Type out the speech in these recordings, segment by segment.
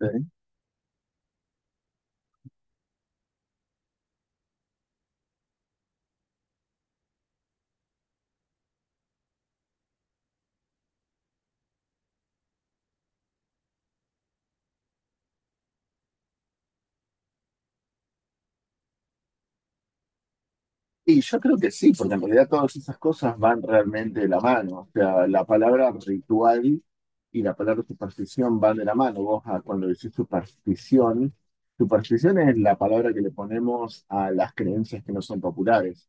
Sí. Y yo creo que sí, porque en realidad todas esas cosas van realmente de la mano. O sea, la palabra ritual y la palabra superstición van de la mano. Vos cuando decís superstición, superstición es la palabra que le ponemos a las creencias que no son populares.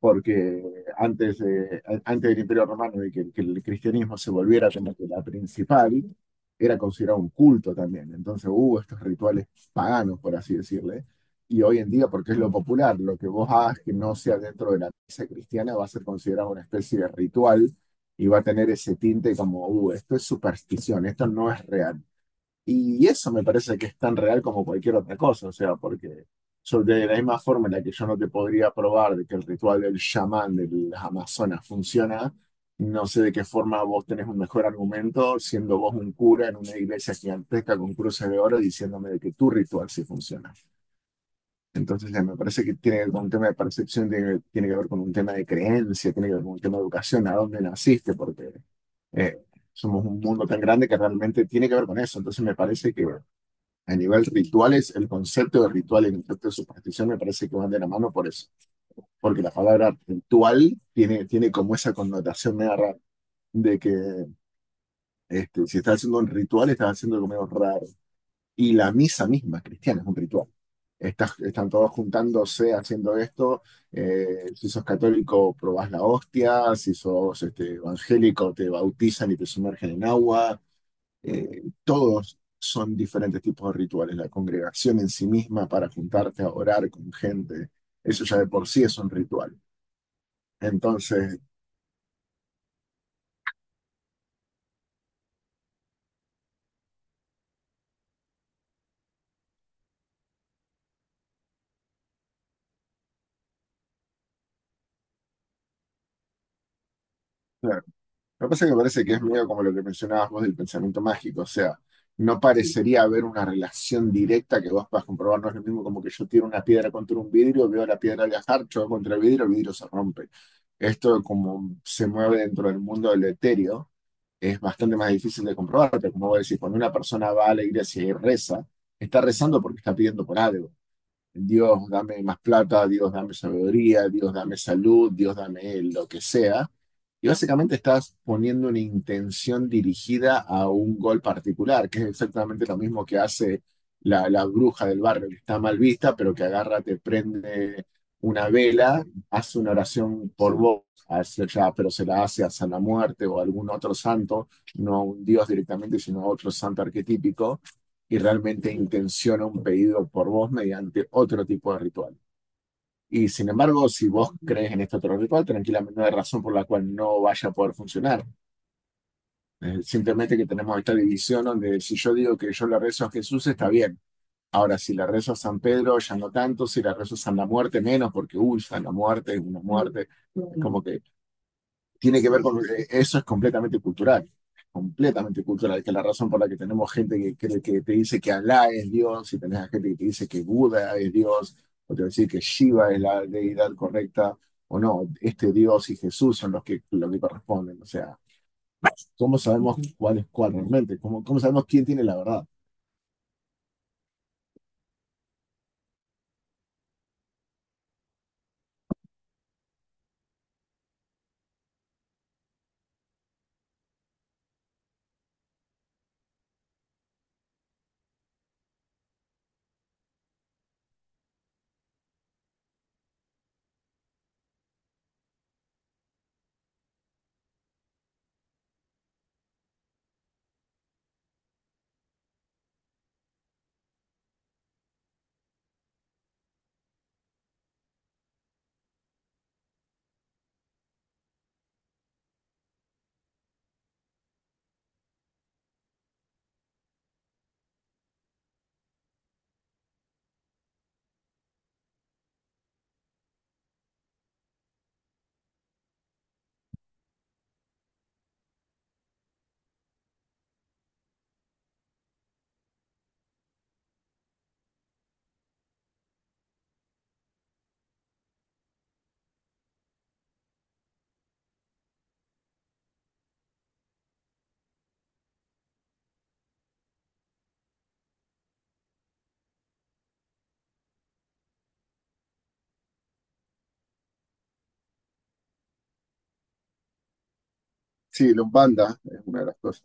Porque antes, antes del Imperio Romano y que el cristianismo se volviera como que la principal, era considerado un culto también. Entonces hubo estos rituales paganos, por así decirle. Y hoy en día, porque es lo popular, lo que vos hagas que no sea dentro de la misa cristiana va a ser considerado una especie de ritual, y va a tener ese tinte como, esto es superstición, esto no es real. Y eso me parece que es tan real como cualquier otra cosa, o sea, porque sobre de la misma forma en la que yo no te podría probar de que el ritual del chamán de las Amazonas funciona, no sé de qué forma vos tenés un mejor argumento siendo vos un cura en una iglesia gigantesca con cruces de oro diciéndome de que tu ritual sí funciona. Entonces, me parece que tiene que ver con un tema de percepción, tiene que ver con un tema de creencia, tiene que ver con un tema de educación, a dónde naciste, porque eh, somos un mundo tan grande que realmente tiene que ver con eso. Entonces me parece que a nivel rituales, el concepto de ritual y el concepto de superstición me parece que van de la mano por eso. Porque la palabra ritual tiene, tiene como esa connotación media rara de que, si estás haciendo un ritual, estás haciendo algo medio raro. Y la misa misma cristiana es un ritual. Están todos juntándose haciendo esto. Si sos católico, probás la hostia. Si sos, evangélico, te bautizan y te sumergen en agua. Todos son diferentes tipos de rituales. La congregación en sí misma para juntarte a orar con gente, eso ya de por sí es un ritual. Entonces, claro, lo que pasa es que me parece que es medio como lo que mencionabas vos del pensamiento mágico. O sea, no parecería haber una relación directa que vos puedas comprobar. No es lo mismo como que yo tiro una piedra contra un vidrio, veo la piedra viajar, choco contra el vidrio se rompe. Esto como se mueve dentro del mundo del etéreo es bastante más difícil de comprobar, pero como voy a decir, cuando una persona va a la iglesia y reza, está rezando porque está pidiendo por algo. Dios, dame más plata, Dios, dame sabiduría, Dios, dame salud, Dios, dame lo que sea, y básicamente estás poniendo una intención dirigida a un gol particular, que es exactamente lo mismo que hace la bruja del barrio, que está mal vista, pero que agarra, te prende una vela, hace una oración por vos, ya, pero se la hace a San la Muerte o a algún otro santo, no a un dios directamente, sino a otro santo arquetípico, y realmente intenciona un pedido por vos mediante otro tipo de ritual. Y sin embargo, si vos crees en este otro ritual, tranquilamente no hay razón por la cual no vaya a poder funcionar. Simplemente que tenemos esta división donde si yo digo que yo le rezo a Jesús, está bien. Ahora, si le rezo a San Pedro, ya no tanto. Si le rezo a San la Muerte, menos, porque, uy, San la Muerte es una muerte. Como que tiene que ver con eso, es completamente cultural, que es la razón por la que tenemos gente que cree que te dice que Alá es Dios, y tenés a gente que te dice que Buda es Dios, o te va a decir que Shiva es la deidad correcta, o no, este Dios y Jesús son los que corresponden. O sea, ¿cómo sabemos cuál es cuál realmente? ¿Cómo, cómo sabemos quién tiene la verdad? Sí, la Umbanda es una de las cosas.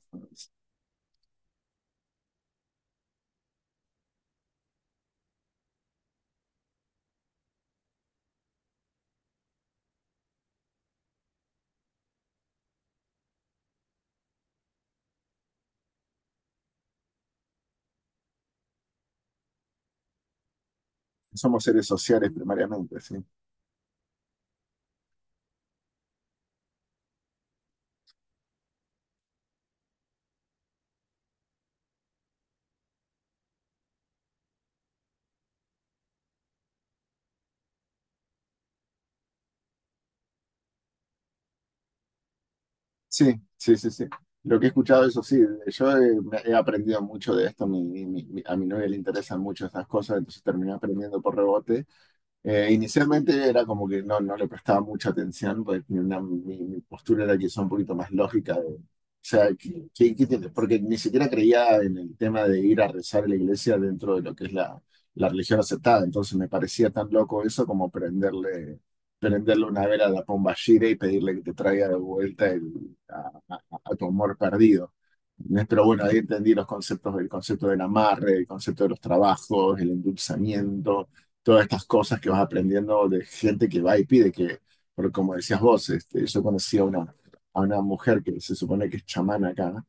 Somos seres sociales primariamente, sí. Sí, sí, sí, sí. Lo que he escuchado, eso sí, yo he, me- he aprendido mucho de esto, a mi novia le interesan mucho estas cosas, entonces terminé aprendiendo por rebote. Inicialmente era como que no, no le prestaba mucha atención, porque tenía mi postura era quizá un poquito más lógica. O sea, ¿qué tiene? Porque ni siquiera creía en el tema de ir a rezar a la iglesia dentro de lo que es la, la religión aceptada. Entonces me parecía tan loco eso como prenderle, prenderle una vela a la pomba gira y pedirle que te traiga de vuelta a tu amor perdido, ¿no? Pero bueno, ahí entendí los conceptos, el concepto del amarre, el concepto de los trabajos, el endulzamiento, todas estas cosas que vas aprendiendo de gente que va y pide que, porque como decías vos, este, yo conocí a una mujer que se supone que es chamana acá,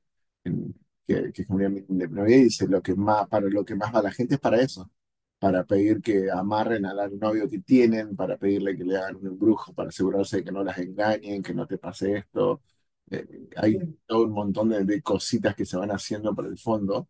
en- que es comunidad independiente, y dice, lo que más, para lo que más va la gente es para eso, para pedir que amarren al novio que tienen, para pedirle que le hagan un embrujo, para asegurarse de que no las engañen, que no te pase esto. Hay todo un montón de cositas que se van haciendo por el fondo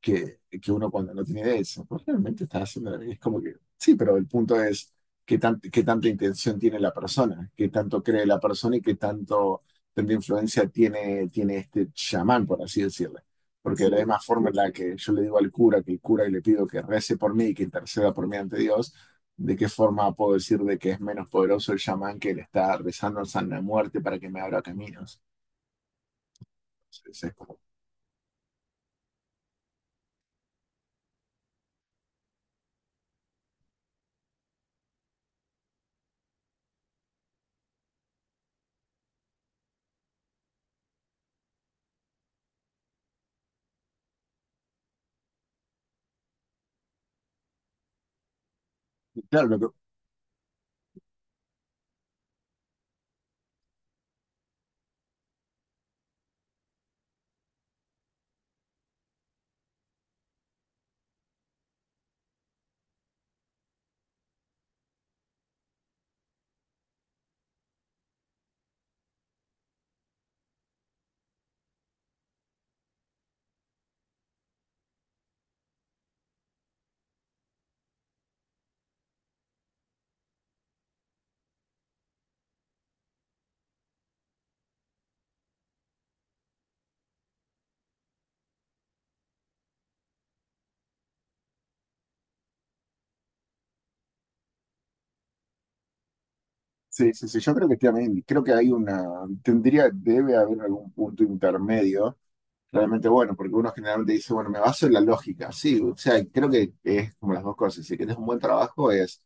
que uno cuando no tiene idea dice, pues realmente estás haciendo, y es como que, sí, pero el punto es qué tanta intención tiene la persona, qué tanto cree la persona y qué tanto, tanta influencia tiene este chamán, por así decirlo. Porque de la misma forma en la que yo le digo al cura que el cura y le pido que rece por mí y que interceda por mí ante Dios, ¿de qué forma puedo decir de que es menos poderoso el chamán que le está rezando al San la Muerte para que me abra caminos? Entonces, es como, claro, lo que... Sí, sí, sí, yo creo que también, creo que hay una, tendría, debe haber algún punto intermedio, realmente bueno, porque uno generalmente dice, bueno, me baso en la lógica, sí, o sea, creo que es como las dos cosas, si quieres un buen trabajo es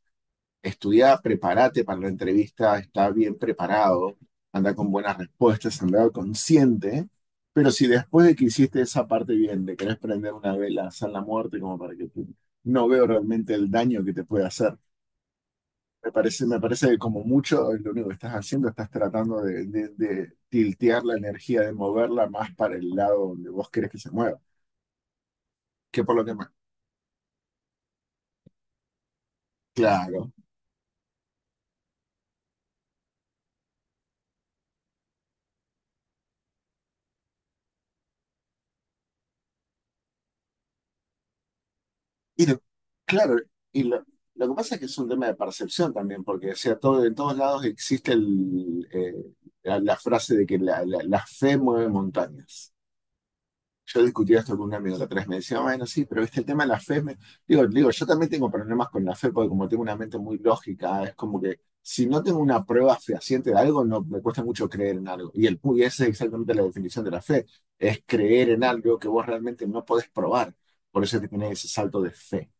estudiar, prepárate para la entrevista, está bien preparado, anda con buenas respuestas, andar consciente, pero si después de que hiciste esa parte bien, de querés prender una vela, hacer la muerte, como para que tú, no veo realmente el daño que te puede hacer. Me parece como mucho, lo único que estás haciendo, estás tratando de, de tiltear la energía, de moverla más para el lado donde vos querés que se mueva, que por lo que más. Claro. Y lo- claro, y lo que pasa es que es un tema de percepción también, porque o sea, todo, en todos lados existe el, la- la frase de que la, la fe mueve montañas. Yo discutía esto con un amigo la otra vez, me decía, bueno, sí, pero viste el tema de la fe. Digo yo también tengo problemas con la fe porque como tengo una mente muy lógica, es como que si no tengo una prueba fehaciente de algo, no me cuesta mucho creer en algo. Y esa es exactamente la definición de la fe, es creer en algo que vos realmente no podés probar. Por eso es que tenés ese salto de fe.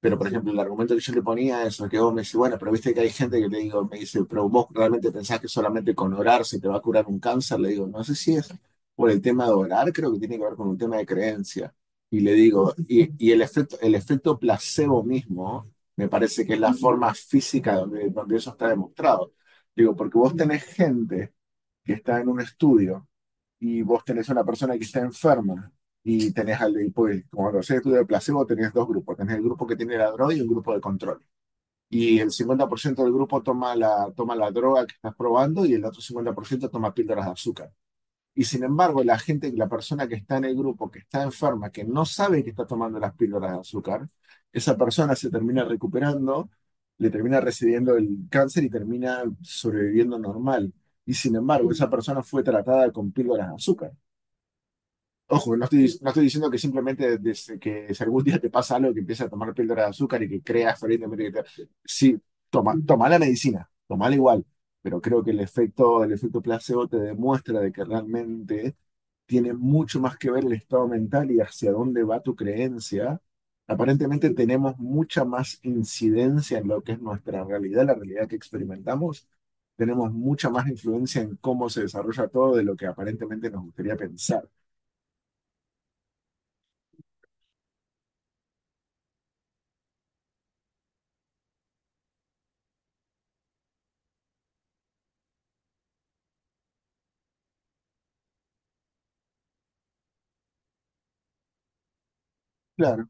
Pero, por ejemplo, el argumento que yo le ponía es que vos me decís, bueno, pero viste que hay gente que le digo, me dice, pero vos realmente pensás que solamente con orar se te va a curar un cáncer. Le digo, no sé si es por el tema de orar, creo que tiene que ver con un tema de creencia. Y le digo, y el efecto placebo mismo, me parece que es la forma física donde, donde eso está demostrado. Digo, porque vos tenés gente que está en un estudio y vos tenés a una persona que está enferma y tenés al y pues, como lo sé, tú de placebo tenés dos grupos, tenés el grupo que tiene la droga y un grupo de control. Y el 50% del grupo toma la droga que estás probando y el otro 50% toma píldoras de azúcar. Y sin embargo, la gente, la persona que está en el grupo, que está enferma, que no sabe que está tomando las píldoras de azúcar, esa persona se termina recuperando, le termina recibiendo el cáncer y termina sobreviviendo normal. Y sin embargo, esa persona fue tratada con píldoras de azúcar. Ojo, no estoy diciendo que simplemente desde que si algún día te pasa algo que empiezas a tomar píldora de azúcar y que creas fervientemente que te... Sí, toma, toma la medicina, tomala igual, pero creo que el efecto placebo te demuestra de que realmente tiene mucho más que ver el estado mental y hacia dónde va tu creencia. Aparentemente tenemos mucha más incidencia en lo que es nuestra realidad, la realidad que experimentamos. Tenemos mucha más influencia en cómo se desarrolla todo de lo que aparentemente nos gustaría pensar. Claro.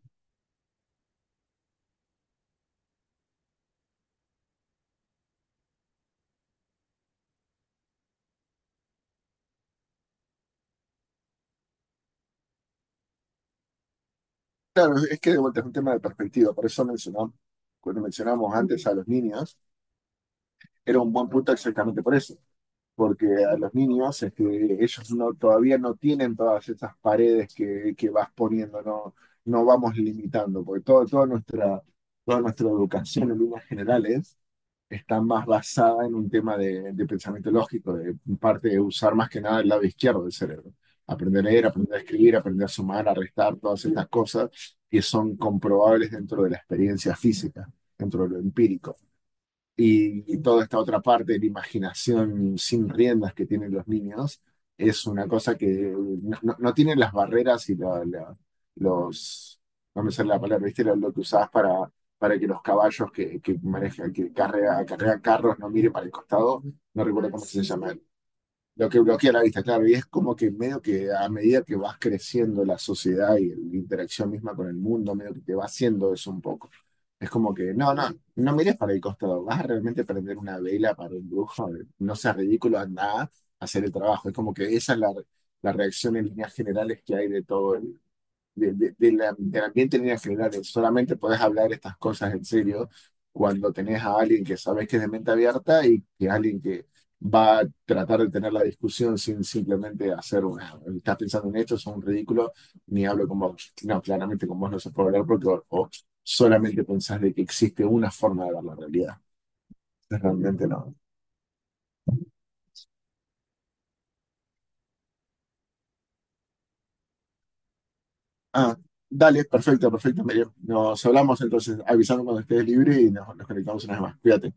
Claro, es que de vuelta es un tema de perspectiva, por eso mencionamos, cuando mencionamos antes a los niños, era un buen punto exactamente por eso, porque a los niños este, ellos no, todavía no tienen todas esas paredes que vas poniendo, no, no vamos limitando, porque todo, toda nuestra educación en líneas generales está más basada en un tema de pensamiento lógico, de parte de usar más que nada el lado izquierdo del cerebro. Aprender a leer, aprender a escribir, aprender a sumar, a restar, todas estas cosas que son comprobables dentro de la experiencia física, dentro de lo empírico, y toda esta otra parte de la imaginación sin riendas que tienen los niños es una cosa que no tiene las barreras y los, no me sale la palabra, ¿viste? Lo que usabas para que los caballos que manejan, que acarrean carros no miren para el costado, no recuerdo cómo se llama lo que bloquea la vista, claro, y es como que medio que a medida que vas creciendo la sociedad y la interacción misma con el mundo, medio que te va haciendo eso un poco. Es como que, no, no, no mires para el costado, vas a realmente prender una vela para un brujo, no seas ridículo, anda a hacer el trabajo. Es como que esa es la, la reacción en líneas generales que hay de todo, de la- del ambiente en líneas generales. Solamente puedes hablar estas cosas en serio cuando tenés a alguien que sabes que es de mente abierta y que alguien que va a tratar de tener la discusión sin simplemente hacer una, estás pensando en esto, es un ridículo, ni hablo con vos. No, claramente con vos no se puede hablar porque o solamente pensás de que existe una forma de ver la realidad. Realmente no. Ah, dale, perfecto, perfecto, Miriam. Nos hablamos entonces, avisando cuando estés libre y nos conectamos una vez más. Cuídate.